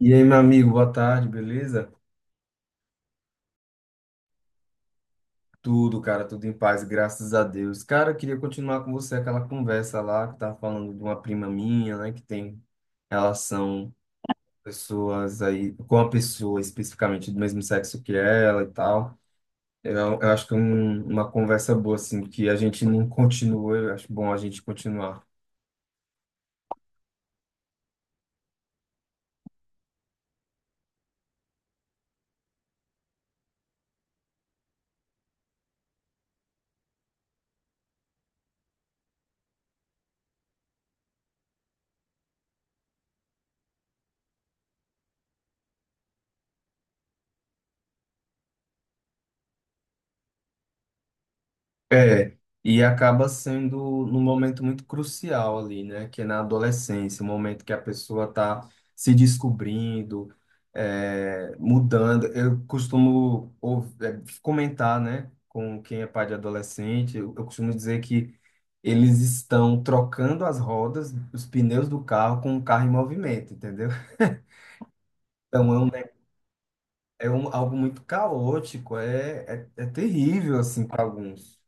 E aí, meu amigo, boa tarde, beleza? Tudo, cara, tudo em paz, graças a Deus. Cara, eu queria continuar com você aquela conversa lá que tava falando de uma prima minha, né, que tem relação pessoas aí com a pessoa especificamente do mesmo sexo que ela e tal. Eu acho que é uma conversa boa assim que a gente não continua, eu acho bom a gente continuar. É, e acaba sendo num momento muito crucial ali, né? Que é na adolescência, o momento que a pessoa está se descobrindo, é, mudando. Eu costumo comentar, né, com quem é pai de adolescente, eu costumo dizer que eles estão trocando as rodas, os pneus do carro com o carro em movimento, entendeu? Então é, algo muito caótico, é terrível, assim, para alguns.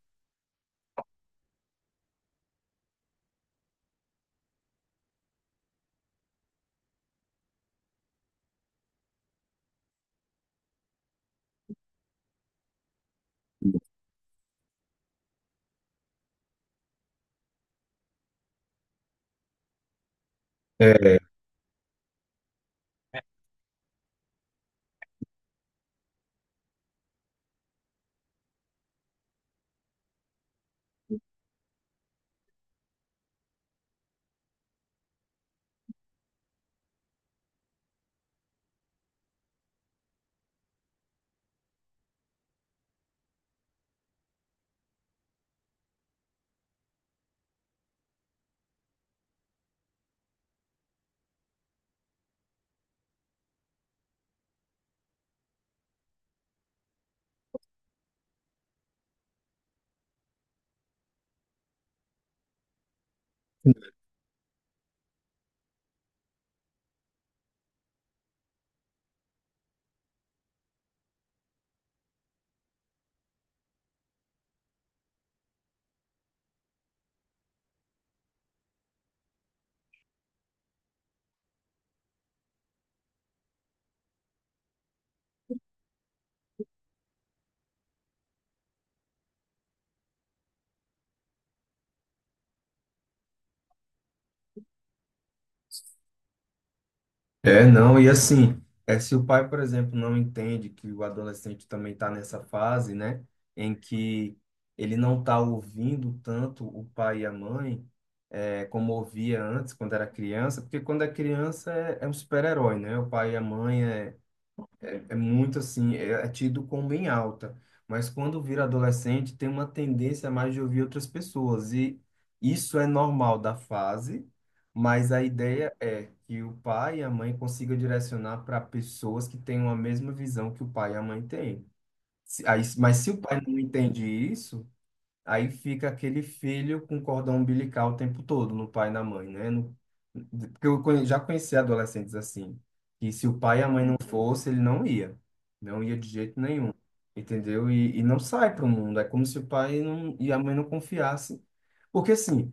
É, não, e assim, é, se o pai, por exemplo, não entende que o adolescente também está nessa fase, né, em que ele não está ouvindo tanto o pai e a mãe, é, como ouvia antes, quando era criança, porque quando é criança é um super-herói, né? O pai e a mãe é muito assim, é tido como bem alta. Mas quando vira adolescente, tem uma tendência a mais de ouvir outras pessoas. E isso é normal da fase, mas a ideia é que o pai e a mãe consigam direcionar para pessoas que tenham a mesma visão que o pai e a mãe têm. Mas se o pai não entende isso, aí fica aquele filho com cordão umbilical o tempo todo, no pai e na mãe, né? Porque eu já conheci adolescentes assim, que se o pai e a mãe não Uhum. fosse, ele não ia. Não ia de jeito nenhum, entendeu? E não sai para o mundo. É como se o pai não, e a mãe não confiassem. Porque assim,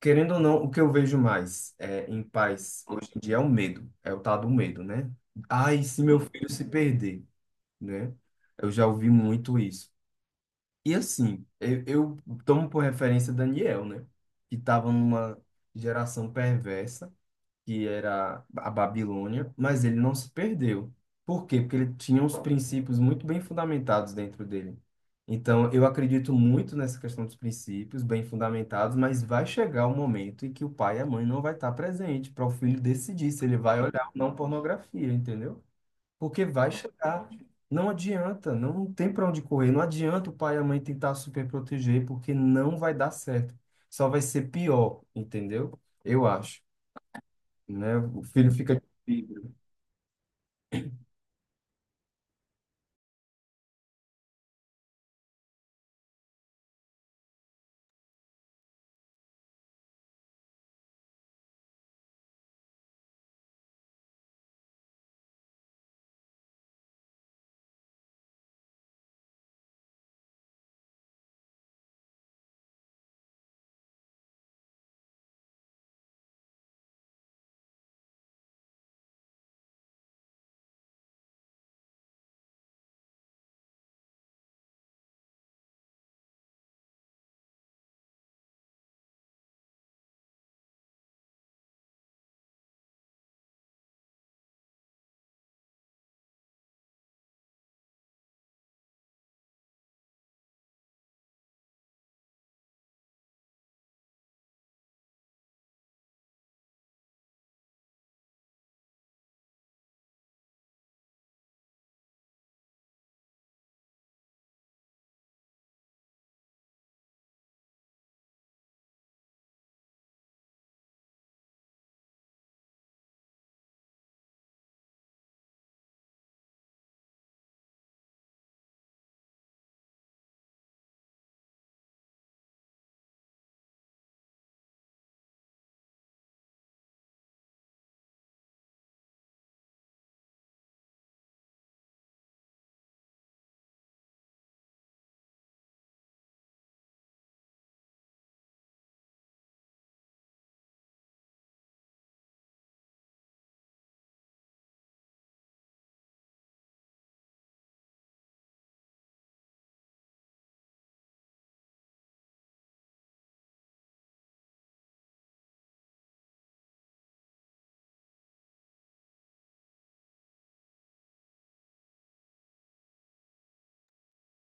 querendo ou não, o que eu vejo mais é, em pais hoje em dia é o medo, é o tal do medo, né? Ai, se meu filho se perder, né? Eu já ouvi muito isso. E assim, eu tomo por referência Daniel, né? Que estava numa geração perversa, que era a Babilônia, mas ele não se perdeu. Por quê? Porque ele tinha uns princípios muito bem fundamentados dentro dele. Então, eu acredito muito nessa questão dos princípios bem fundamentados, mas vai chegar o momento em que o pai e a mãe não vai estar presente para o filho decidir se ele vai olhar ou não pornografia, entendeu? Porque vai chegar. Não adianta, não tem para onde correr. Não adianta o pai e a mãe tentar super proteger, porque não vai dar certo. Só vai ser pior, entendeu? Eu acho, né? O filho fica.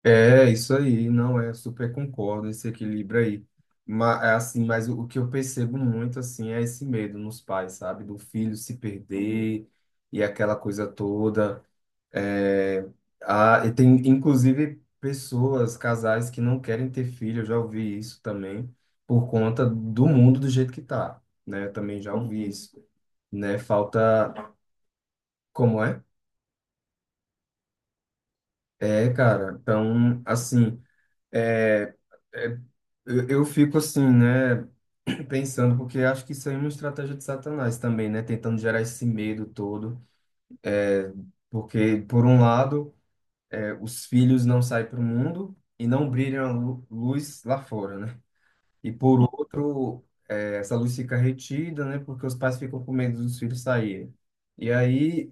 É, isso aí, não é, super concordo esse equilíbrio aí. Mas, assim, mas o que eu percebo muito, assim, é esse medo nos pais, sabe? Do filho se perder e aquela coisa toda. É, e tem, inclusive, pessoas, casais que não querem ter filho, eu já ouvi isso também, por conta do mundo do jeito que tá, né? Eu também já ouvi isso, né? Falta... Como é? É, cara, então, assim, é, é, eu fico assim, né? Pensando, porque acho que isso aí é uma estratégia de Satanás também, né? Tentando gerar esse medo todo, porque, por um lado... é, os filhos não saem para o mundo e não brilham a luz lá fora, né? E por outro, é, essa luz fica retida, né? Porque os pais ficam com medo dos filhos saírem. E aí,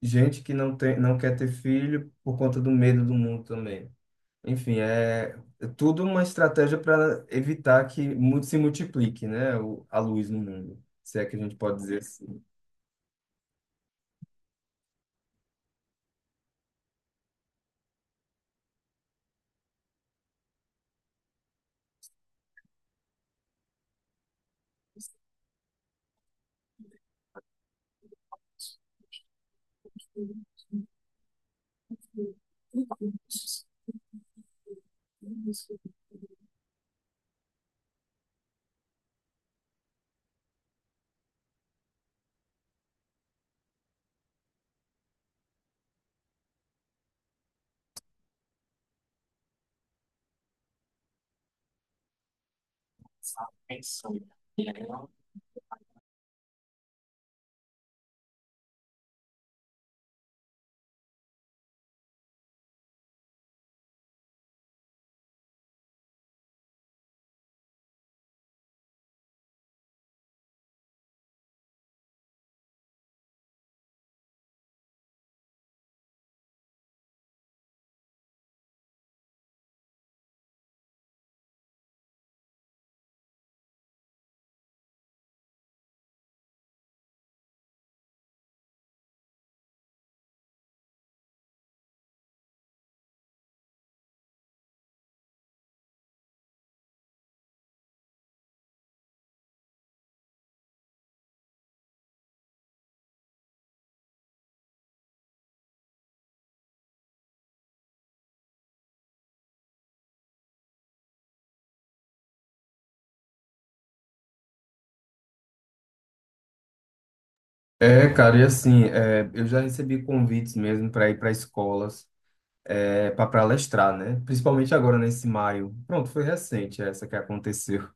gente que não tem, não quer ter filho por conta do medo do mundo também. Enfim, é tudo uma estratégia para evitar que se multiplique, né? A luz no mundo, se é que a gente pode dizer assim. É, cara, e assim, é, eu já recebi convites mesmo para ir para escolas para palestrar, né? Principalmente agora nesse maio. Pronto, foi recente essa que aconteceu.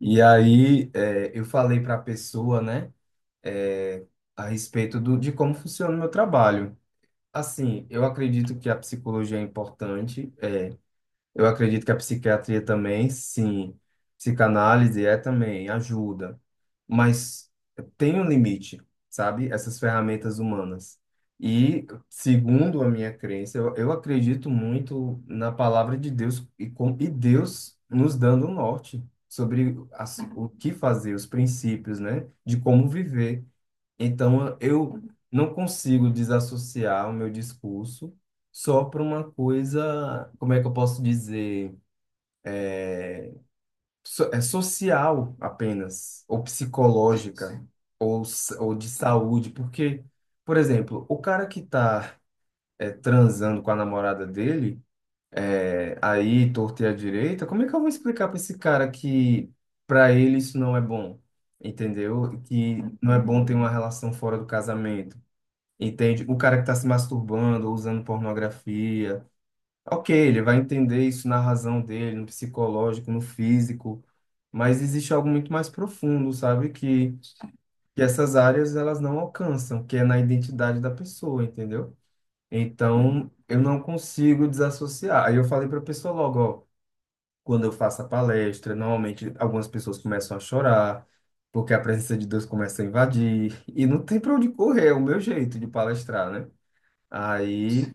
E aí é, eu falei para a pessoa, né, é, a respeito do, de como funciona o meu trabalho. Assim, eu acredito que a psicologia é importante, eu acredito que a psiquiatria também, sim. Psicanálise é também, ajuda. Mas tem um limite, sabe? Essas ferramentas humanas. E, segundo a minha crença, eu acredito muito na palavra de Deus e, com, e Deus nos dando um norte sobre as, o que fazer, os princípios, né? De como viver. Então, eu não consigo desassociar o meu discurso só para uma coisa, como é que eu posso dizer, so, é social apenas, ou psicológica, sim. Ou, ou de saúde, porque, por exemplo, o cara que está transando com a namorada dele, é, aí torto e à direita, como é que eu vou explicar para esse cara que para ele isso não é bom? Entendeu? Que não é bom ter uma relação fora do casamento. Entende? O cara que está se masturbando, usando pornografia. Ok, ele vai entender isso na razão dele, no psicológico, no físico, mas existe algo muito mais profundo, sabe? Que essas áreas elas não alcançam, que é na identidade da pessoa, entendeu? Então, eu não consigo desassociar. Aí eu falei para a pessoa logo, ó, quando eu faço a palestra, normalmente algumas pessoas começam a chorar, porque a presença de Deus começa a invadir, e não tem para onde correr, é o meu jeito de palestrar, né? Aí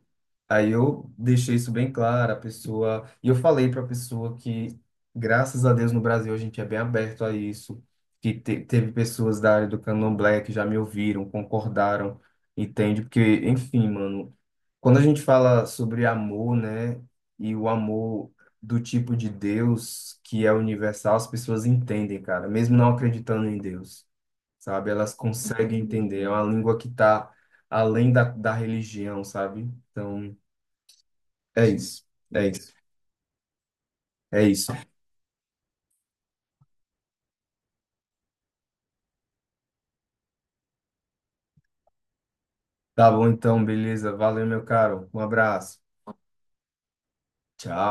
Aí eu deixei isso bem claro, a pessoa, e eu falei para a pessoa que, graças a Deus, no Brasil a gente é bem aberto a isso, que teve pessoas da área do Candomblé que já me ouviram, concordaram, entende? Porque, enfim, mano, quando a gente fala sobre amor, né, e o amor do tipo de Deus que é universal, as pessoas entendem, cara, mesmo não acreditando em Deus, sabe? Elas conseguem entender, é uma língua que tá além da religião, sabe? Então. É isso, é isso, é isso. Tá bom então, beleza. Valeu, meu caro. Um abraço. Tchau.